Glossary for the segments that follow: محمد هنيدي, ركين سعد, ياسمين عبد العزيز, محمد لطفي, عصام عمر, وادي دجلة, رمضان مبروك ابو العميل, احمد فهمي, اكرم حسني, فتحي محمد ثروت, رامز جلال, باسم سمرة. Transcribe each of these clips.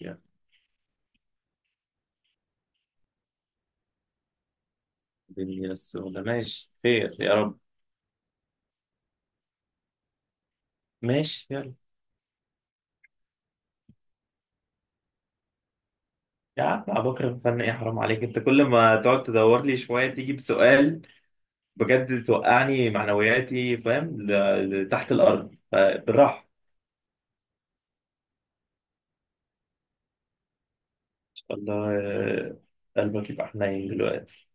يا دنيا السوداء، ماشي، خير يا رب. ماشي يلا. يا عم ابو بكر، فن ايه؟ حرام عليك، انت كل ما تقعد تدور لي شويه تيجي بسؤال. بجد توقعني، معنوياتي فاهم تحت الارض، فبالراحه ان شاء الله. قلبك يبقى حنين دلوقتي.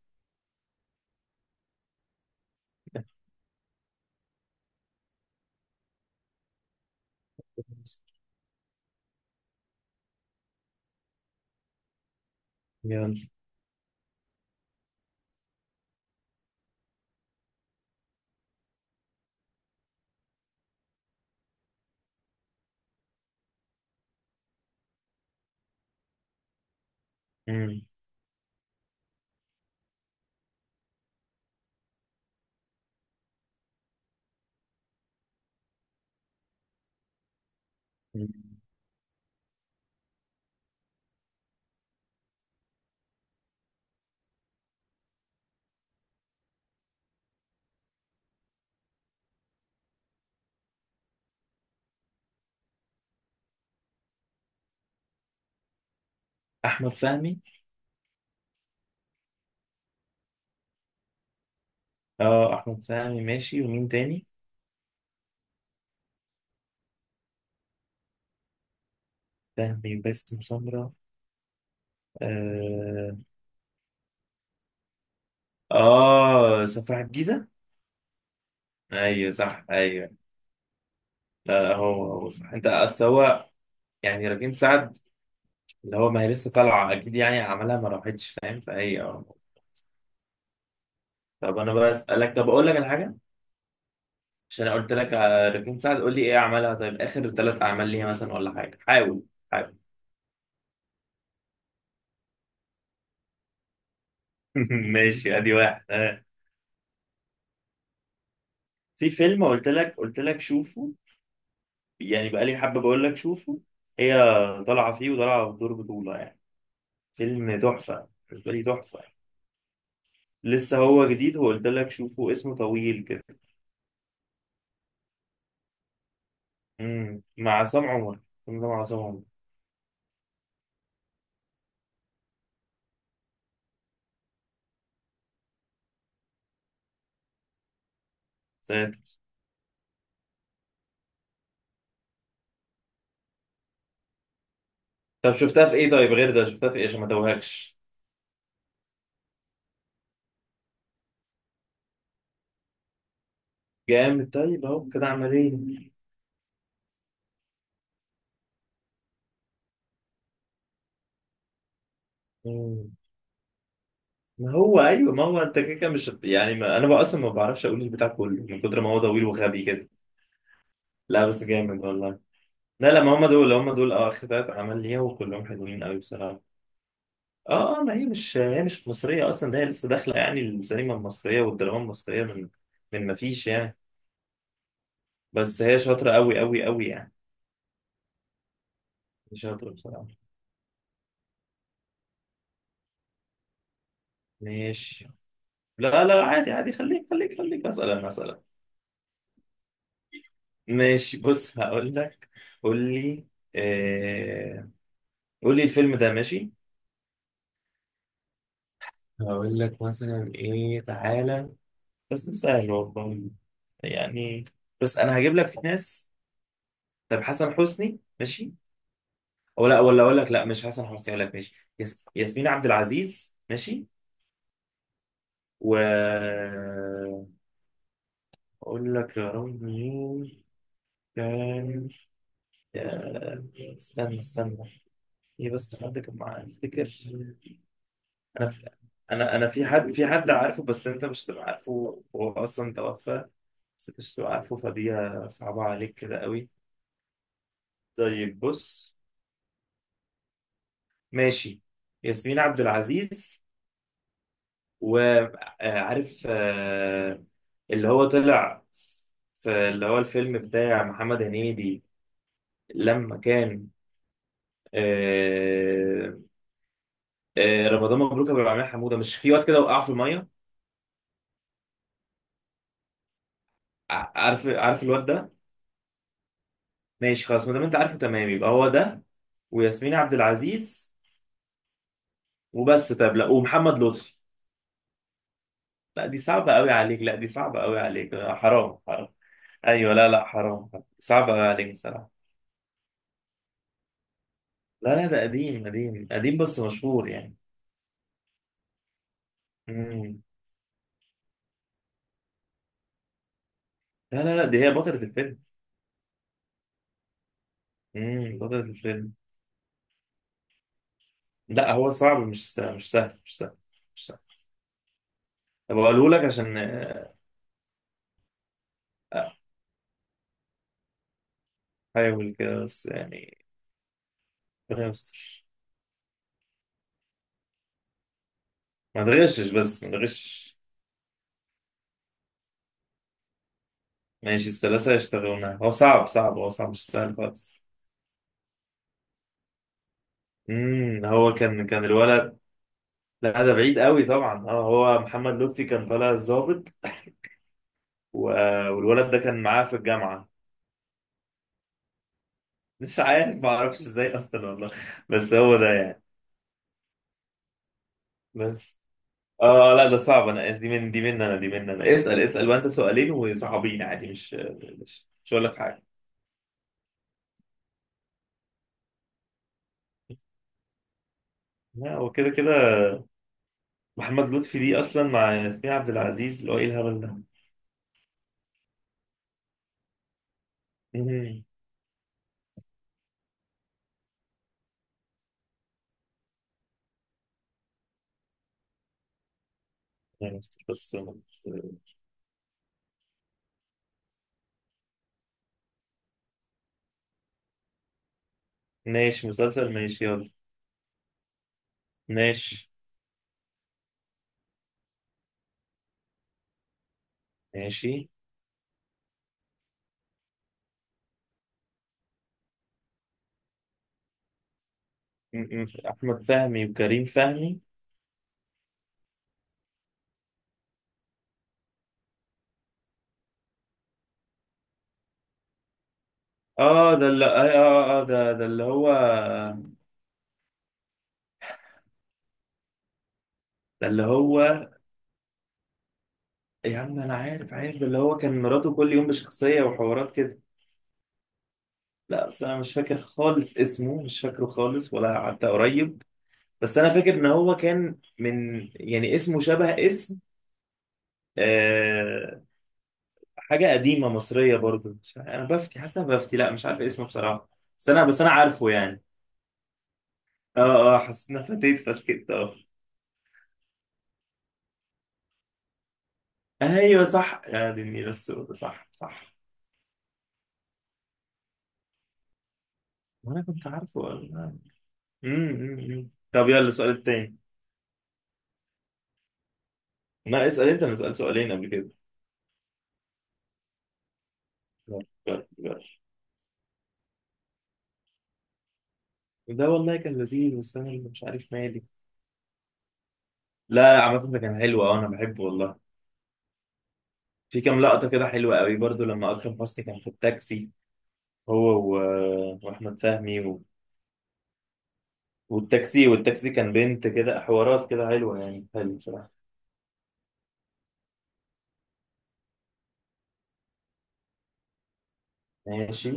يلا. مم. مم. احمد فهمي. اه، احمد فهمي ماشي، ومين تاني؟ فهمي، باسم سمرة. اه. آه. سفاح الجيزه. ايوه صح ايوه. لا لا، هو هو صح، انت اصل هو يعني ركين سعد اللي هو، ما هي لسه طالعه اكيد يعني عملها، ما راحتش فاهم، فهي اه. طب انا بسالك، طب اقول لك على حاجه عشان انا قلت لك على ركين سعد، قول لي ايه عملها، طيب اخر ثلاث اعمال ليها مثلا ولا حاجه. حاول، حاول. ماشي ادي واحد اه. في فيلم قلت لك شوفه، يعني بقالي حبه بقول لك شوفه. هي طالعه فيه وطالعه بدور بطوله يعني. فيلم تحفه بالنسبه لي، تحفه يعني. لسه هو جديد وقلت لك شوفه، اسمه طويل كده. مع عصام عمر، الفيلم ده مع عصام عمر. ساتر. طب شفتها في ايه، طيب غير ده شفتها في ايه عشان ما ادوهكش؟ جامد، طيب اهو كده اعمل ايه. مم. ما هو ايوه، ما هو انت كده كده مش يعني، ما انا بقى اصلا ما بعرفش اقول البتاع كله من كتر ما هو طويل وغبي كده. لا بس جامد والله. لا لا، ما هم دول هم دول اه اخر ثلاث اعمال ليها، وكلهم حلوين قوي بصراحه. اه اه، ما هي مش مصريه اصلا، ده هي لسه داخله يعني السينما المصريه والدراما المصريه من. ما فيش يعني. بس هي شاطره قوي قوي قوي يعني. شاطره بصراحه. ماشي. لا لا عادي عادي، خليك خليك خليك اسال، انا اسال؟ ماشي بص هقول لك. قول لي. آه... قول لي الفيلم ده ماشي. هقول لك مثلا ايه، تعالى. بس ده سهل والله يعني. بس انا هجيب لك في ناس. طب حسن حسني، ماشي؟ او لا، ولا اقول لك، لا مش حسن حسني، اقول لك ماشي، ياسمين عبد العزيز، ماشي. و اقول لك يا رب مين كان. يا- استنى استنى، في بس حد كان معاه افتكر. انا في... انا انا في حد في حد عارفه، بس انت مش هتبقى عارفه، هو اصلا توفى. بس انت مش هتبقى عارفه، فدي صعبة عليك كده قوي. طيب بص، ماشي. ياسمين عبد العزيز، وعارف اللي هو طلع في، اللي هو الفيلم بتاع محمد هنيدي لما كان، آه، رمضان مبروك ابو العميل، حموده مش في واد كده وقع في الميه، عارف عارف الواد ده؟ ماشي خلاص، ما دام انت عارفه تمام يبقى هو ده. وياسمين عبد العزيز وبس. طب لا، ومحمد لطفي. لا دي صعبة قوي عليك، لا دي صعبة قوي عليك، حرام حرام. ايوه، لا لا حرام، صعبة قوي عليك بصراحة. لا لا، ده قديم قديم قديم بس مشهور يعني. مم. لا لا لا، دي هي بطلة الفيلم. مم. بطلة الفيلم. لا هو صعب، مش سهل مش سهل مش سهل. مش سهل. طب اقوله لك عشان احاول كده بس يعني. ربنا يستر. ما تغشش بس، ما تغشش. ماشي الثلاثة يشتغلونها، هو صعب صعب، هو صعب مش سهل خالص. هو كان الولد. لا ده بعيد قوي طبعا. اه هو محمد لطفي كان طالع الضابط و- والولد ده كان معاه في الجامعة. مش عارف، ما اعرفش ازاي اصلا والله. بس هو ده يعني. بس. اه لا ده صعب، انا آسف. دي من انا اسأل، اسأل، وانت سؤالين وصعبين عادي، مش هقول لك حاجة. لا هو كده كده، محمد لطفي دي اصلا مع ياسمين عبد العزيز، اللي هو ايه الهبل ده. مم. يعني بس بس. ماشي مسلسل، ماشي يلا. ماشي. ماشي. احمد فهمي وكريم فهمي. اه ده اللي ده اللي هو، ده اللي هو. يا عم انا عارف عارف، ده اللي هو كان مراته كل يوم بشخصية وحوارات كده. لا بس انا مش فاكر خالص، اسمه مش فاكره خالص ولا حتى قريب. بس انا فاكر ان هو كان من، يعني اسمه شبه اسم آه حاجة قديمة مصرية برضو. مش عارف- انا بفتي، حاسس إن انا بفتي، لا مش عارف اسمه بصراحة. بس انا عارفه يعني. اه. اه، حسيت انها فاتت فسكت اه. ايوه صح، يا دي النيله السوداء، صح صح. وانا كنت عارفه والله. أمم، أمم، أمم. طب يلا السؤال التاني. لا اسال انت، انا سالت سؤالين قبل كده. يلا، يلا، يلا. ده والله كان لذيذ، بس انا اللي مش عارف مالي. لا لا، عامة ده كان حلو، اه انا بحبه والله. في كام لقطة كده حلوة قوي برضو لما اكرم حسني كان في التاكسي، هو و... واحمد فهمي و... والتاكسي كان بنت كده، حوارات كده حلوة يعني، حلو بصراحة. ماشي.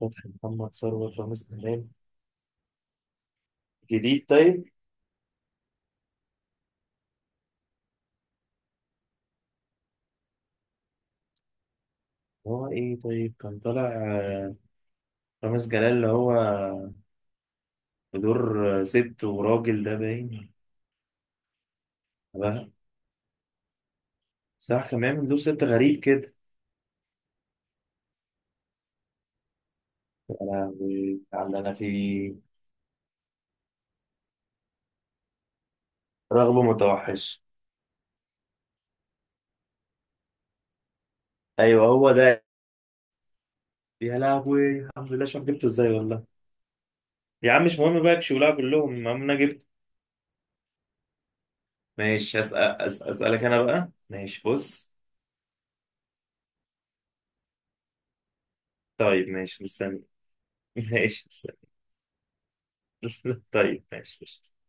فتحي، محمد ثروت، رامز جلال. جديد طيب. هو ايه طيب كان طالع، رامز جلال اللي هو بدور، ست وراجل، ده باين بقى. صح كان بيعمل دور ست غريب كده. انا انا في رغبة متوحش. ايوه هو ده. يا لهوي الحمد لله، شوف جبته ازاي والله. يا عم مش مهم بقى شغلها كلهم، المهم انا جبته. ماشي أسأل، اسألك انا بقى، ماشي بص. طيب ماشي مستني. ماشي مستني. طيب ماشي قشطة.